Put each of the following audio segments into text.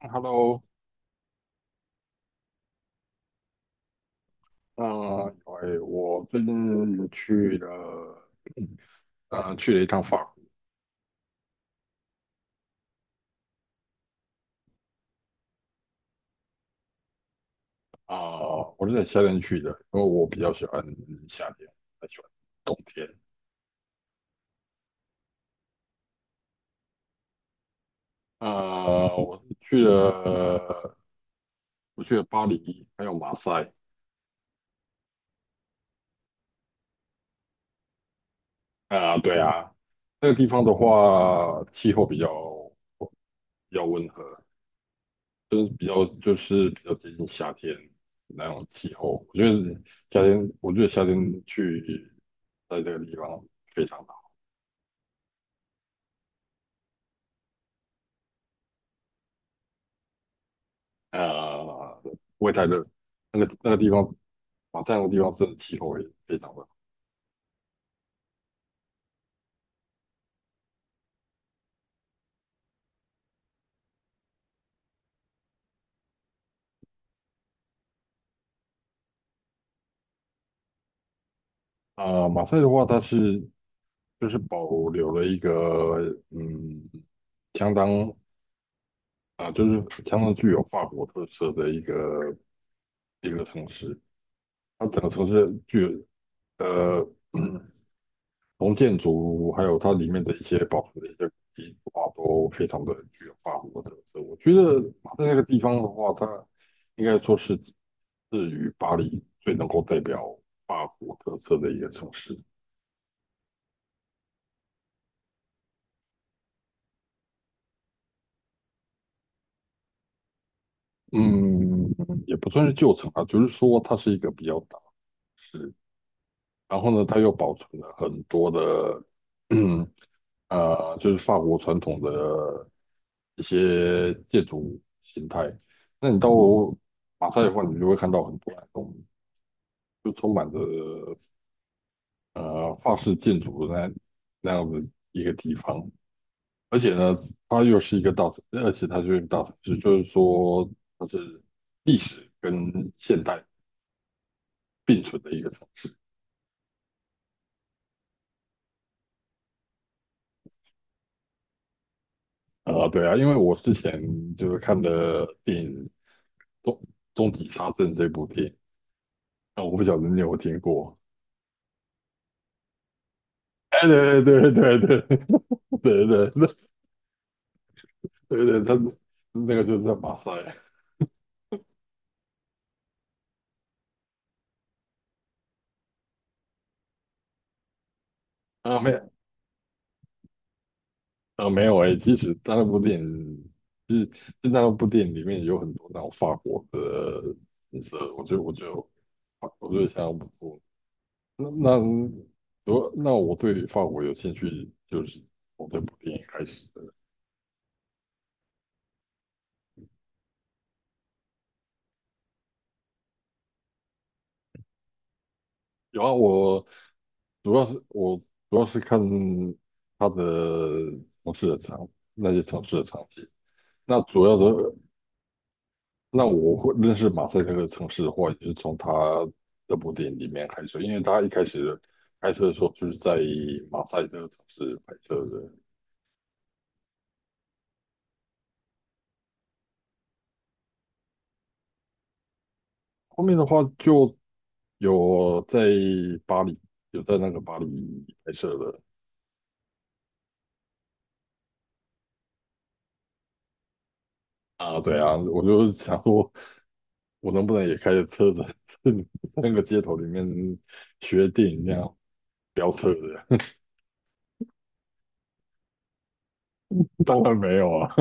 Hello。呃，哎我最近去了，去了一趟法国。啊、我是在夏天去的，因为我比较喜欢夏天，不太喜欢冬天。啊、我是去了，我去了巴黎，还有马赛。啊、对啊，那个地方的话，气候比较温和，就是比较接近夏天那种气候。我觉得夏天去在这个地方非常好。呃，不会太热。那个地方，马赛那个地方的气候也非常的好。啊、马赛的话，它是就是保留了一个，嗯，相当，啊、就是相当具有法国特色的一个城市。它整个城市具有呃 从建筑还有它里面的一些保存的一些古迹的话，都非常的具有法国特色。我觉得它在那个地方的话，它应该说是至于巴黎最能够代表法国特色的一个城市。嗯，也不算是旧城啊，就是说它是一个比较大的市，然后呢，它又保存了很多的。嗯。呃，就是法国传统的一些建筑形态。那你到马赛的话，你就会看到很多那种就充满着呃法式建筑的那样的一个地方。而且呢，它又是一个大城，而且它就是一个大城市，就是说它是历史跟现代并存的一个城市。啊、对啊，因为我之前就是看的电影《终终极杀阵》这部电影，那我不晓得你有没有听过。哎，对对对对对对。对对对。对，他那个就是在马赛。啊，没啊没有诶。其实他那部电影，其实就那部电影里面有很多那种法国的景色，我觉得相当不错。那那我对法国有兴趣，就是从这部电影开始的。有啊，我主要是看他的城市的场，那些城市的场景。那主要的那我会认识马赛克的城市的话，也是从他这部电影里面开始，因为他一开始拍摄的时候就是在马赛克城市拍摄的，后面的话就有在巴黎，有在那个巴黎拍摄的。啊，对啊，我就想说，我能不能也开着车子 在那个街头里面学电影那样飙车的？当然没有啊。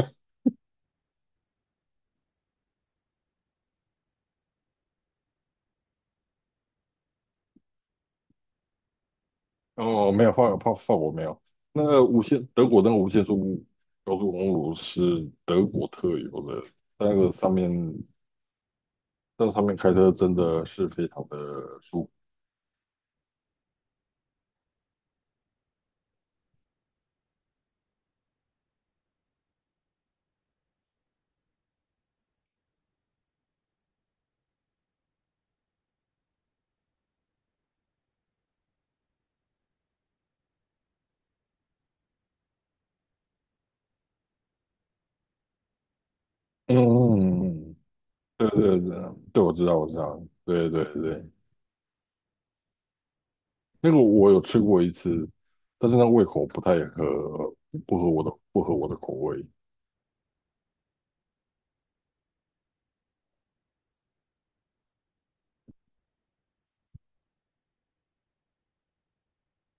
哦，没有，法国没有。那个无限德国那个无限速高速公路是德国特有的，在那个上面，在上面开车真的是非常的舒服。嗯，对对对。对，我知道，我知道，对对对。那个我有吃过一次，但是那胃口不太合，不合我的口味。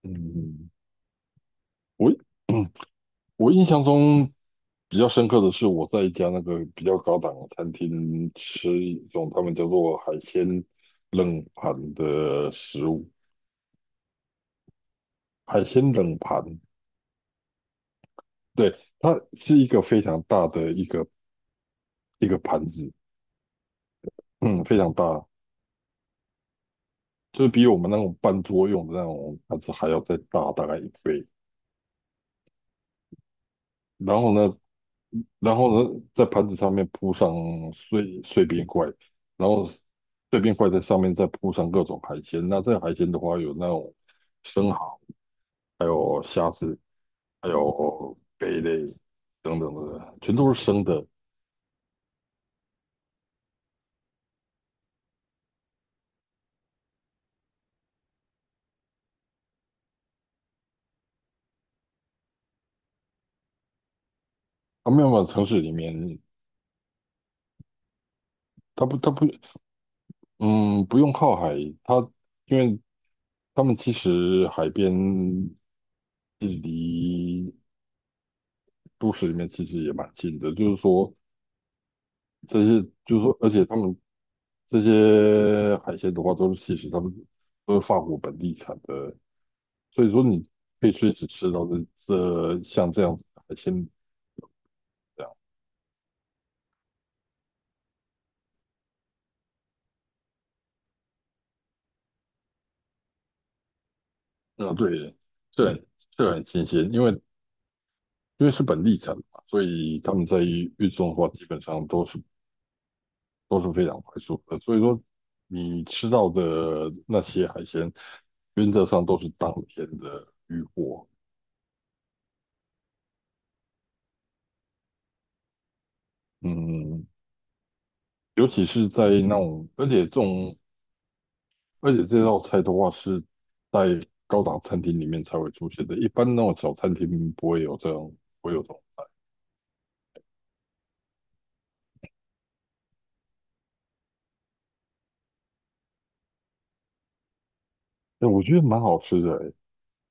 嗯，我 我印象中比较深刻的是，我在一家那个比较高档的餐厅吃一种他们叫做海鲜冷盘的食物。海鲜冷盘，对，它是一个非常大的一个盘子，嗯，非常大，就是比我们那种半桌用的那种盘子还要再大大概一倍。然后呢，然后呢，在盘子上面铺上碎碎冰块，然后碎冰块在上面再铺上各种海鲜。那这个海鲜的话，有那种。生蚝。还有虾子，还有贝类等等的，全都是生的。阿办法城市里面，它不，嗯，不用靠海，它因为他们其实海边距离都市里面其实也蛮近的，就是说这些，就是说，而且他们这些海鲜的话，其实他们都是法国本地产的，所以说你可以随时吃到这像这样子的海鲜。嗯，对，这很这很新鲜，因为因为是本地产嘛，所以他们在运送的话，基本上都是都是非常快速的。所以说，你吃到的那些海鲜，原则上都是当天的渔获。嗯，尤其是在那种，而且这道菜的话是在高档餐厅里面才会出现的，一般那种小餐厅不会有这种，不会有这种菜。哎，我觉得蛮好吃的，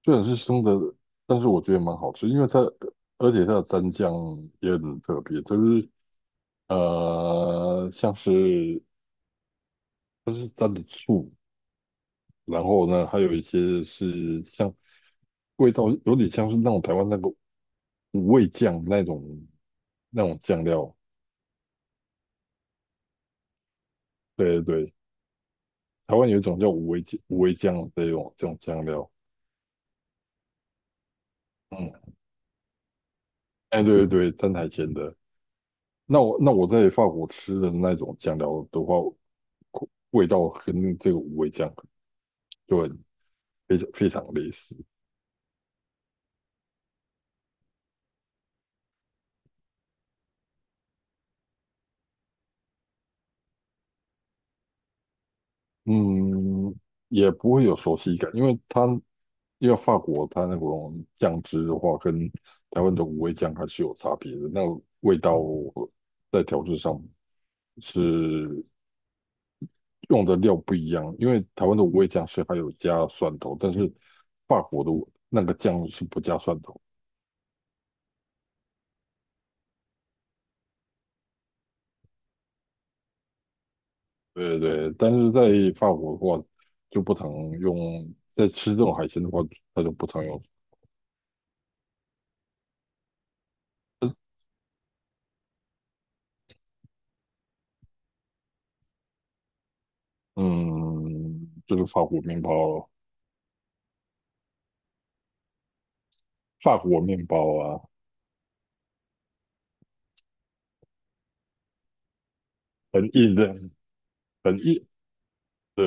虽然是生的，但是我觉得蛮好吃，因为它而且它的蘸酱也很特别，就是像是它是蘸的醋，然后呢还有一些是像味道有点像是那种台湾那个五味酱那种酱料。对对对，台湾有一种叫五味酱这种酱料。嗯，哎对对对，蘸海鲜的。那我在法国吃的那种酱料的话，味道跟这个五味酱。就很。非常非常类似。嗯，也不会有熟悉感，因为它因为法国它那种酱汁的话，跟台湾的五味酱还是有差别的，那味道在调制上是用的料不一样，因为台湾的五味酱是还有加蒜头，但是法国的那个酱是不加蒜头。对对，但是在法国的话就不常用，在吃这种海鲜的话，它就不常用。嗯，就是法国面包。法国面包啊，很硬的，很硬的，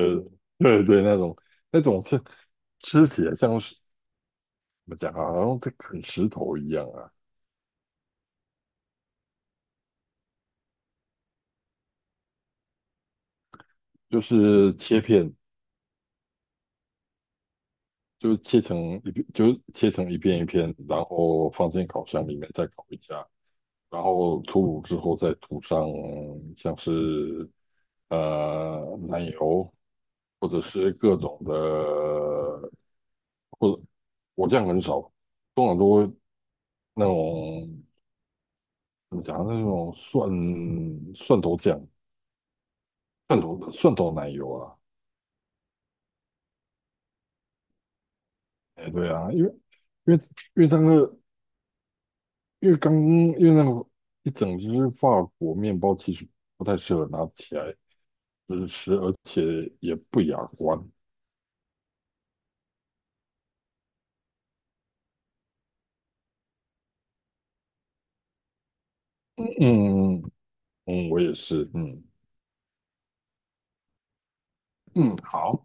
对对，那种是吃起来像是怎么讲啊，好像在啃石头一样啊，就是切片，就是切成一片，就是切成一片一片，然后放进烤箱里面再烤一下，然后出炉之后再涂上像是奶油或者是各种的，或者我酱很少，通常都会那种。怎么讲？那种蒜头酱、蒜头奶油啊。哎，对啊，因为因为因为那个因为刚因为那个一整只法国面包其实不太适合拿起来就是吃，而且也不雅观。嗯。嗯。嗯，我也是。嗯。嗯，好。